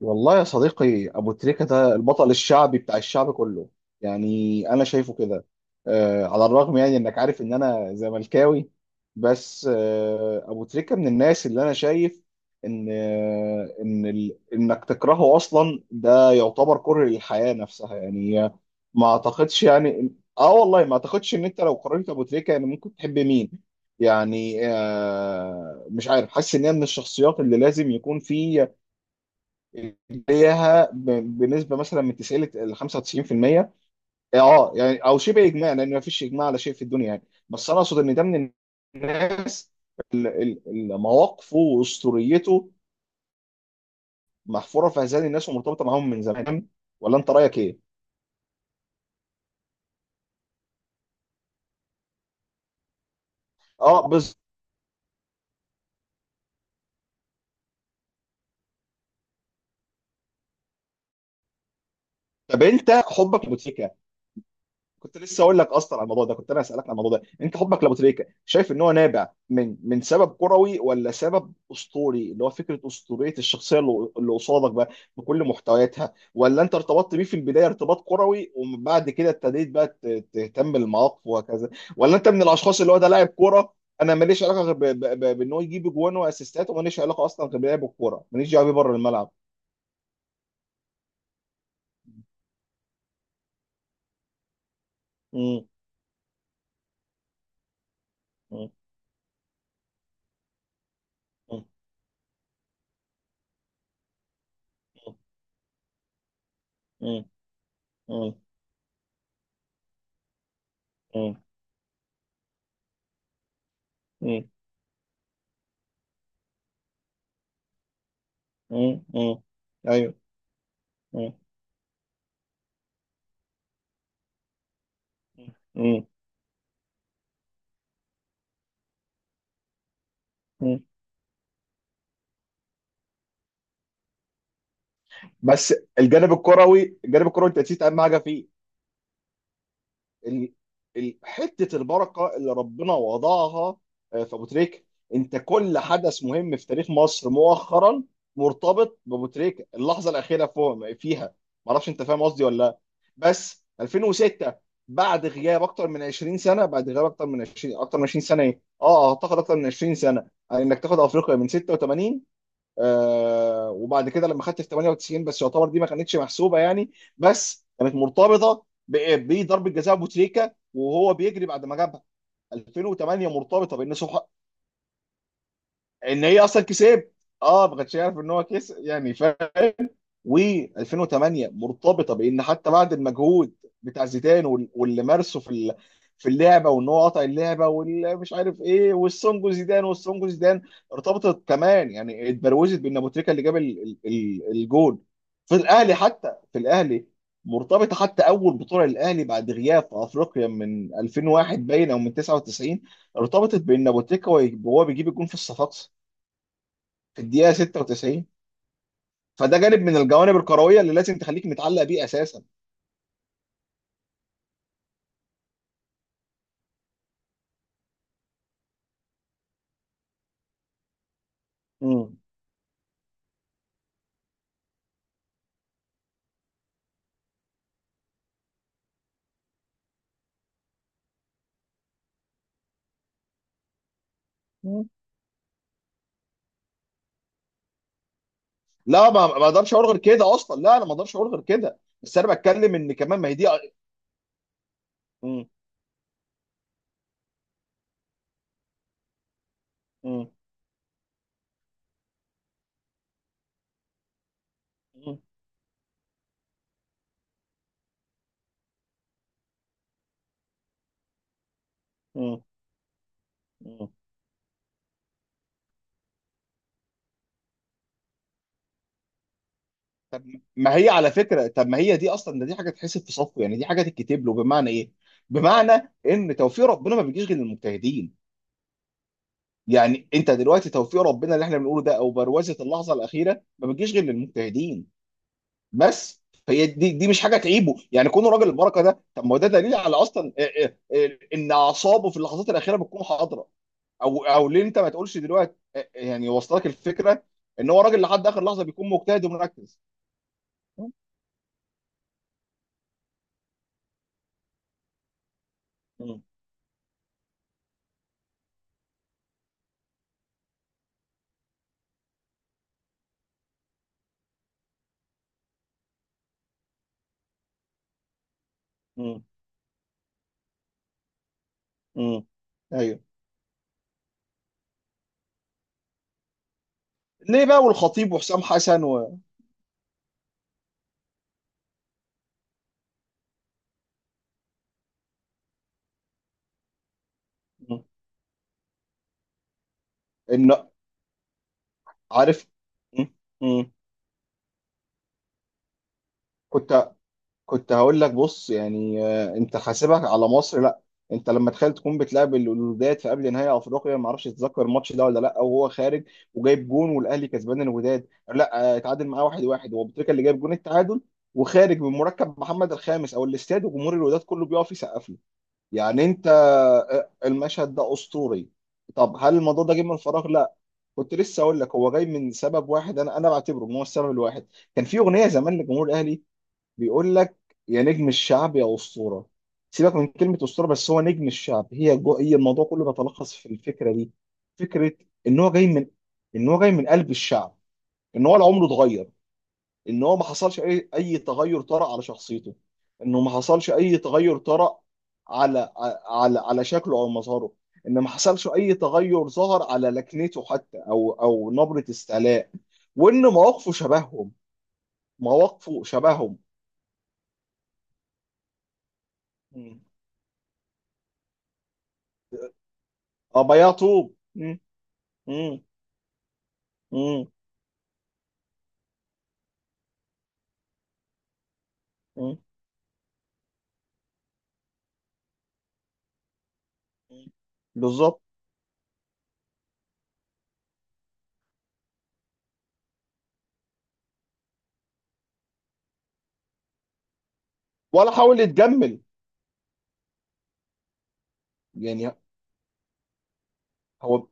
والله يا صديقي، أبو تريكة ده البطل الشعبي بتاع الشعب كله. يعني أنا شايفه كده. على الرغم، يعني، إنك عارف إن أنا زملكاوي، بس أبو تريكة من الناس اللي أنا شايف إن آه إن ال... إنك تكرهه أصلا ده يعتبر كره للحياة نفسها يعني. ما أعتقدش، يعني والله ما أعتقدش إن أنت لو قارنت أبو تريكة يعني ممكن تحب مين؟ يعني مش عارف، حاسس إن هي من الشخصيات اللي لازم يكون في ليها بنسبه مثلا من 90 ل 95%. اه يعني او شبه اجماع، لان ما فيش اجماع على شيء في الدنيا يعني. بس انا اقصد ان ده من الناس. مواقفه واسطوريته محفوره في اذهان الناس ومرتبطه معاهم من زمان. ولا انت رايك ايه؟ اه، بالظبط. طب، انت حبك لبوتيكا. كنت لسه اقول لك اصلا على الموضوع ده، كنت انا اسالك على الموضوع ده. انت حبك لابو تريكه، شايف ان هو نابع من سبب كروي ولا سبب اسطوري، اللي هو فكره اسطوريه الشخصيه اللي قصادك بقى بكل محتوياتها؟ ولا انت ارتبطت بيه في البدايه ارتباط كروي، ومن بعد كده ابتديت بقى تهتم بالمواقف وهكذا؟ ولا انت من الاشخاص اللي هو ده لاعب كوره، انا ماليش علاقه غير بان هو يجيب جوان واسيستات، وماليش علاقه اصلا غير بلعب الكوره، ماليش دعوه بيه بره الملعب. مم. مم. مم. مم. مم. مم. مم. مم. مم. ايوه. مم. مم. مم. بس الجانب الكروي، الجانب الكروي، انت نسيت اهم حاجه فيه. ال... حته البركه اللي ربنا وضعها في ابو تريكه. انت كل حدث مهم في تاريخ مصر مؤخرا مرتبط بابو تريكه، اللحظه الاخيره فوق فيها. ما اعرفش انت فاهم قصدي ولا لا، بس 2006، بعد غياب اكتر من 20 سنه، بعد غياب اكتر من 20 سنه، ايه اه اعتقد اكتر من 20 سنه، يعني انك تاخد افريقيا من 86. وبعد كده لما خدت في 98، بس يعتبر دي ما كانتش محسوبه يعني، بس كانت مرتبطه بضربه جزاء بوتريكا وهو بيجري بعد ما جابها. 2008 مرتبطه بان ان هي اصلا كسب. اه، ما كانش يعرف ان هو كسب يعني. و2008 مرتبطه بان حتى بعد المجهود بتاع زيدان، واللي مارسه في اللعبه، وان هو قطع اللعبه، واللي مش عارف ايه، والسونجو زيدان، والسونجو زيدان، ارتبطت كمان يعني، اتبروزت بان ابو تريكه اللي جاب الجول في الاهلي، حتى في الاهلي. مرتبطه حتى اول بطوله للاهلي بعد غياب في افريقيا من 2001، باين، او من 99. ارتبطت بان ابو تريكه وهو بيجيب الجول في الصفاقسي في الدقيقه 96. فده جانب من الجوانب الكرويه اللي لازم تخليك متعلق بيه اساسا. مم. مم. لا، ما اقدرش اقول غير كده اصلا، لا، انا ما اقدرش اقول غير كده، بس انا بتكلم ان كمان ما هي دي. مم. مم. مم. مم. مم. ما هي على فكره، طب ما هي دي اصلا، ده دي حاجه تحسب في صفه يعني، دي حاجه تتكتب له، بمعنى ايه؟ بمعنى ان توفيق ربنا ما بيجيش غير للمجتهدين. يعني انت دلوقتي توفيق ربنا اللي احنا بنقوله ده، او بروزه اللحظه الاخيره، ما بتجيش غير للمجتهدين بس. فهي دي مش حاجه تعيبه، يعني كونه راجل البركه ده، طب ما هو ده دليل على اصلا ان اعصابه في اللحظات الاخيره بتكون حاضره. او ليه انت ما تقولش دلوقتي، يعني وصلك الفكره، ان هو راجل لحد اخر لحظه بيكون مجتهد ومركز؟ م- م- م- م. ايوه. ليه بقى؟ والخطيب وحسام حسن. م. ان عارف. م- م. كنت كنت هقول لك، بص يعني، انت حاسبك على مصر؟ لا، انت لما تخيل تكون بتلعب الوداد في قبل نهائي افريقيا، ما اعرفش تتذكر الماتش ده ولا لا، وهو خارج وجايب جون والاهلي كسبان الوداد. لا، اتعادل معاه 1-1، هو بتريكا اللي جايب جون التعادل، وخارج من مركب محمد الخامس او الاستاد، وجمهور الوداد كله بيقف يسقف له. يعني انت، المشهد ده اسطوري. طب هل الموضوع ده جه من فراغ؟ لا. كنت لسه اقول لك هو جاي من سبب واحد، انا بعتبره ان هو السبب الواحد. كان في اغنيه زمان لجمهور الاهلي بيقول لك: يا نجم الشعب يا اسطوره. سيبك من كلمه اسطوره، بس هو نجم الشعب. هي الموضوع كله بيتلخص في الفكره دي، فكره ان هو جاي من ان هو جاي من قلب الشعب، ان هو لا عمره اتغير، ان هو ما حصلش اي تغير طرأ على شخصيته، انه ما حصلش اي تغير طرأ على على شكله او مظهره، ان ما حصلش اي تغير ظهر على لكنته حتى، او نبره استعلاء، وان مواقفه شبههم، مواقفه شبههم. ابيض طوب. مم. مم. مم. مم. مم. بالظبط. ولا حاول يتجمل، يعني هو.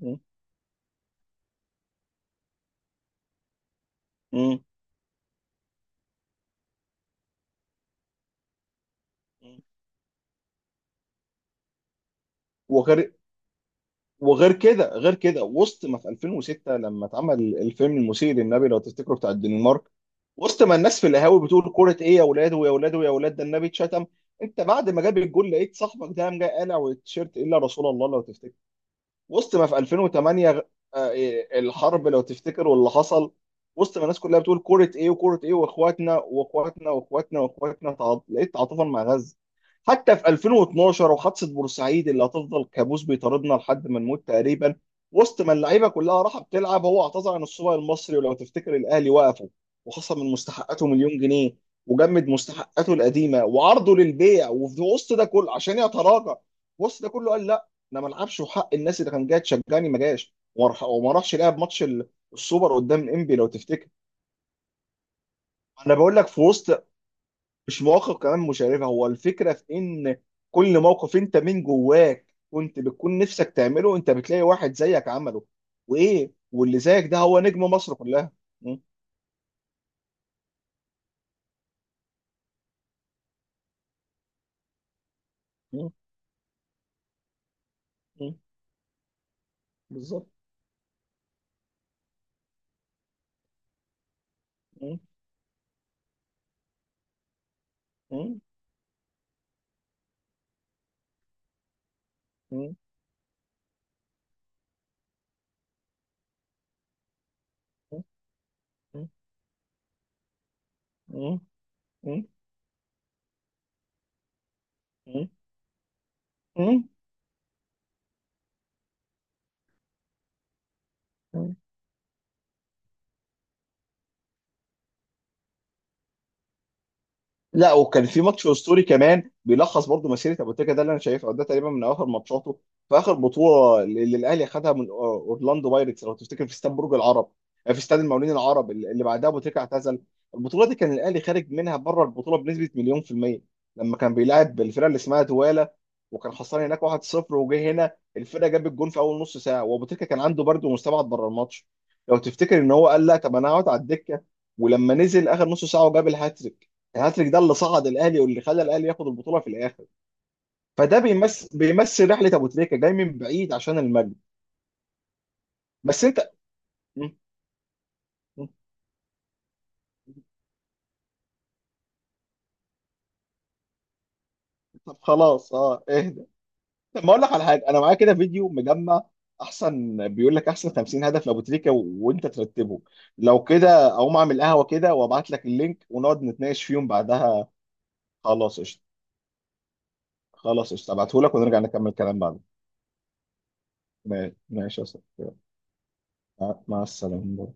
مم. مم. مم. وغير وغير كده غير كده، وسط ما في 2006، لما اتعمل الفيلم المسيء للنبي لو تفتكروا، بتاع الدنمارك، وسط ما الناس في القهاوي بتقول: كرة ايه يا اولاد، ويا اولاد، ويا اولاد، ده النبي اتشتم، انت بعد ما جاب الجول لقيت صاحبك ده قام جاي قالع والتيشيرت الا رسول الله لو تفتكر. وسط ما في 2008، آه، إيه، الحرب لو تفتكر واللي حصل، وسط ما الناس كلها بتقول كورة ايه وكورة ايه، واخواتنا، واخواتنا، واخواتنا، واخواتنا، لقيت تعاطفا مع غزة. حتى في 2012 وحادثة بورسعيد اللي هتفضل كابوس بيطاردنا لحد ما نموت تقريبا، وسط ما اللعيبة كلها راحة بتلعب، هو اعتذر عن السوبر المصري ولو تفتكر الاهلي وقفه وخصم من مستحقاته مليون جنيه، وجمد مستحقاته القديمة وعرضه للبيع، وفي وسط ده كله عشان يتراجع، وسط ده كله قال: انا ما العبش وحق الناس اللي كان جايه تشجعني ما جاش، وما راحش لعب ماتش السوبر قدام انبي لو تفتكر. انا بقول لك في وسط، مش مواقف كمان مشرفه، هو الفكره في ان كل موقف انت من جواك كنت بتكون نفسك تعمله، انت بتلاقي واحد زيك عمله، وايه، واللي زيك ده هو نجم مصر كلها. م- م- م- بالظبط. م- م- م- م- م- م- م- م- م- لا، وكان في ماتش اسطوري كمان بيلخص برضو مسيره ابو تريكه ده اللي انا شايفه ده تقريبا من اخر ماتشاته، في اخر بطوله اللي الاهلي خدها من اورلاندو بايرتس لو تفتكر في استاد برج العرب، في استاد المقاولين العرب اللي بعدها ابو تريكه اعتزل. البطوله دي كان الاهلي خارج منها بره البطوله بنسبه مليون في الميه لما كان بيلاعب الفرقه اللي اسمها دواله، وكان خسران هناك 1-0 وجه هنا الفرقه جاب الجون في اول نص ساعه، وابو تريكه كان عنده برد ومستبعد بره الماتش، لو تفتكر ان هو قال: لا، طب انا هقعد على الدكه، ولما نزل اخر نص ساعه وجاب الهاتريك. الهاتريك ده اللي صعد الاهلي واللي خلى الاهلي ياخد البطوله في الاخر، فده بيمثل رحله ابو تريكه جاي من بعيد عشان المجد. بس انت. م- م- طب خلاص، اه، اهدى. طب ما اقول لك على حاجه، انا معايا كده فيديو مجمع، احسن بيقول لك احسن 50 هدف لابو تريكه وانت ترتبهم. لو كده اقوم اعمل قهوه كده وابعت لك اللينك ونقعد نتناقش فيهم بعدها. خلاص قشطه، خلاص قشطه، ابعته لك ونرجع نكمل كلام بعد. ماشي ماشي يا صاحبي. مع السلامه.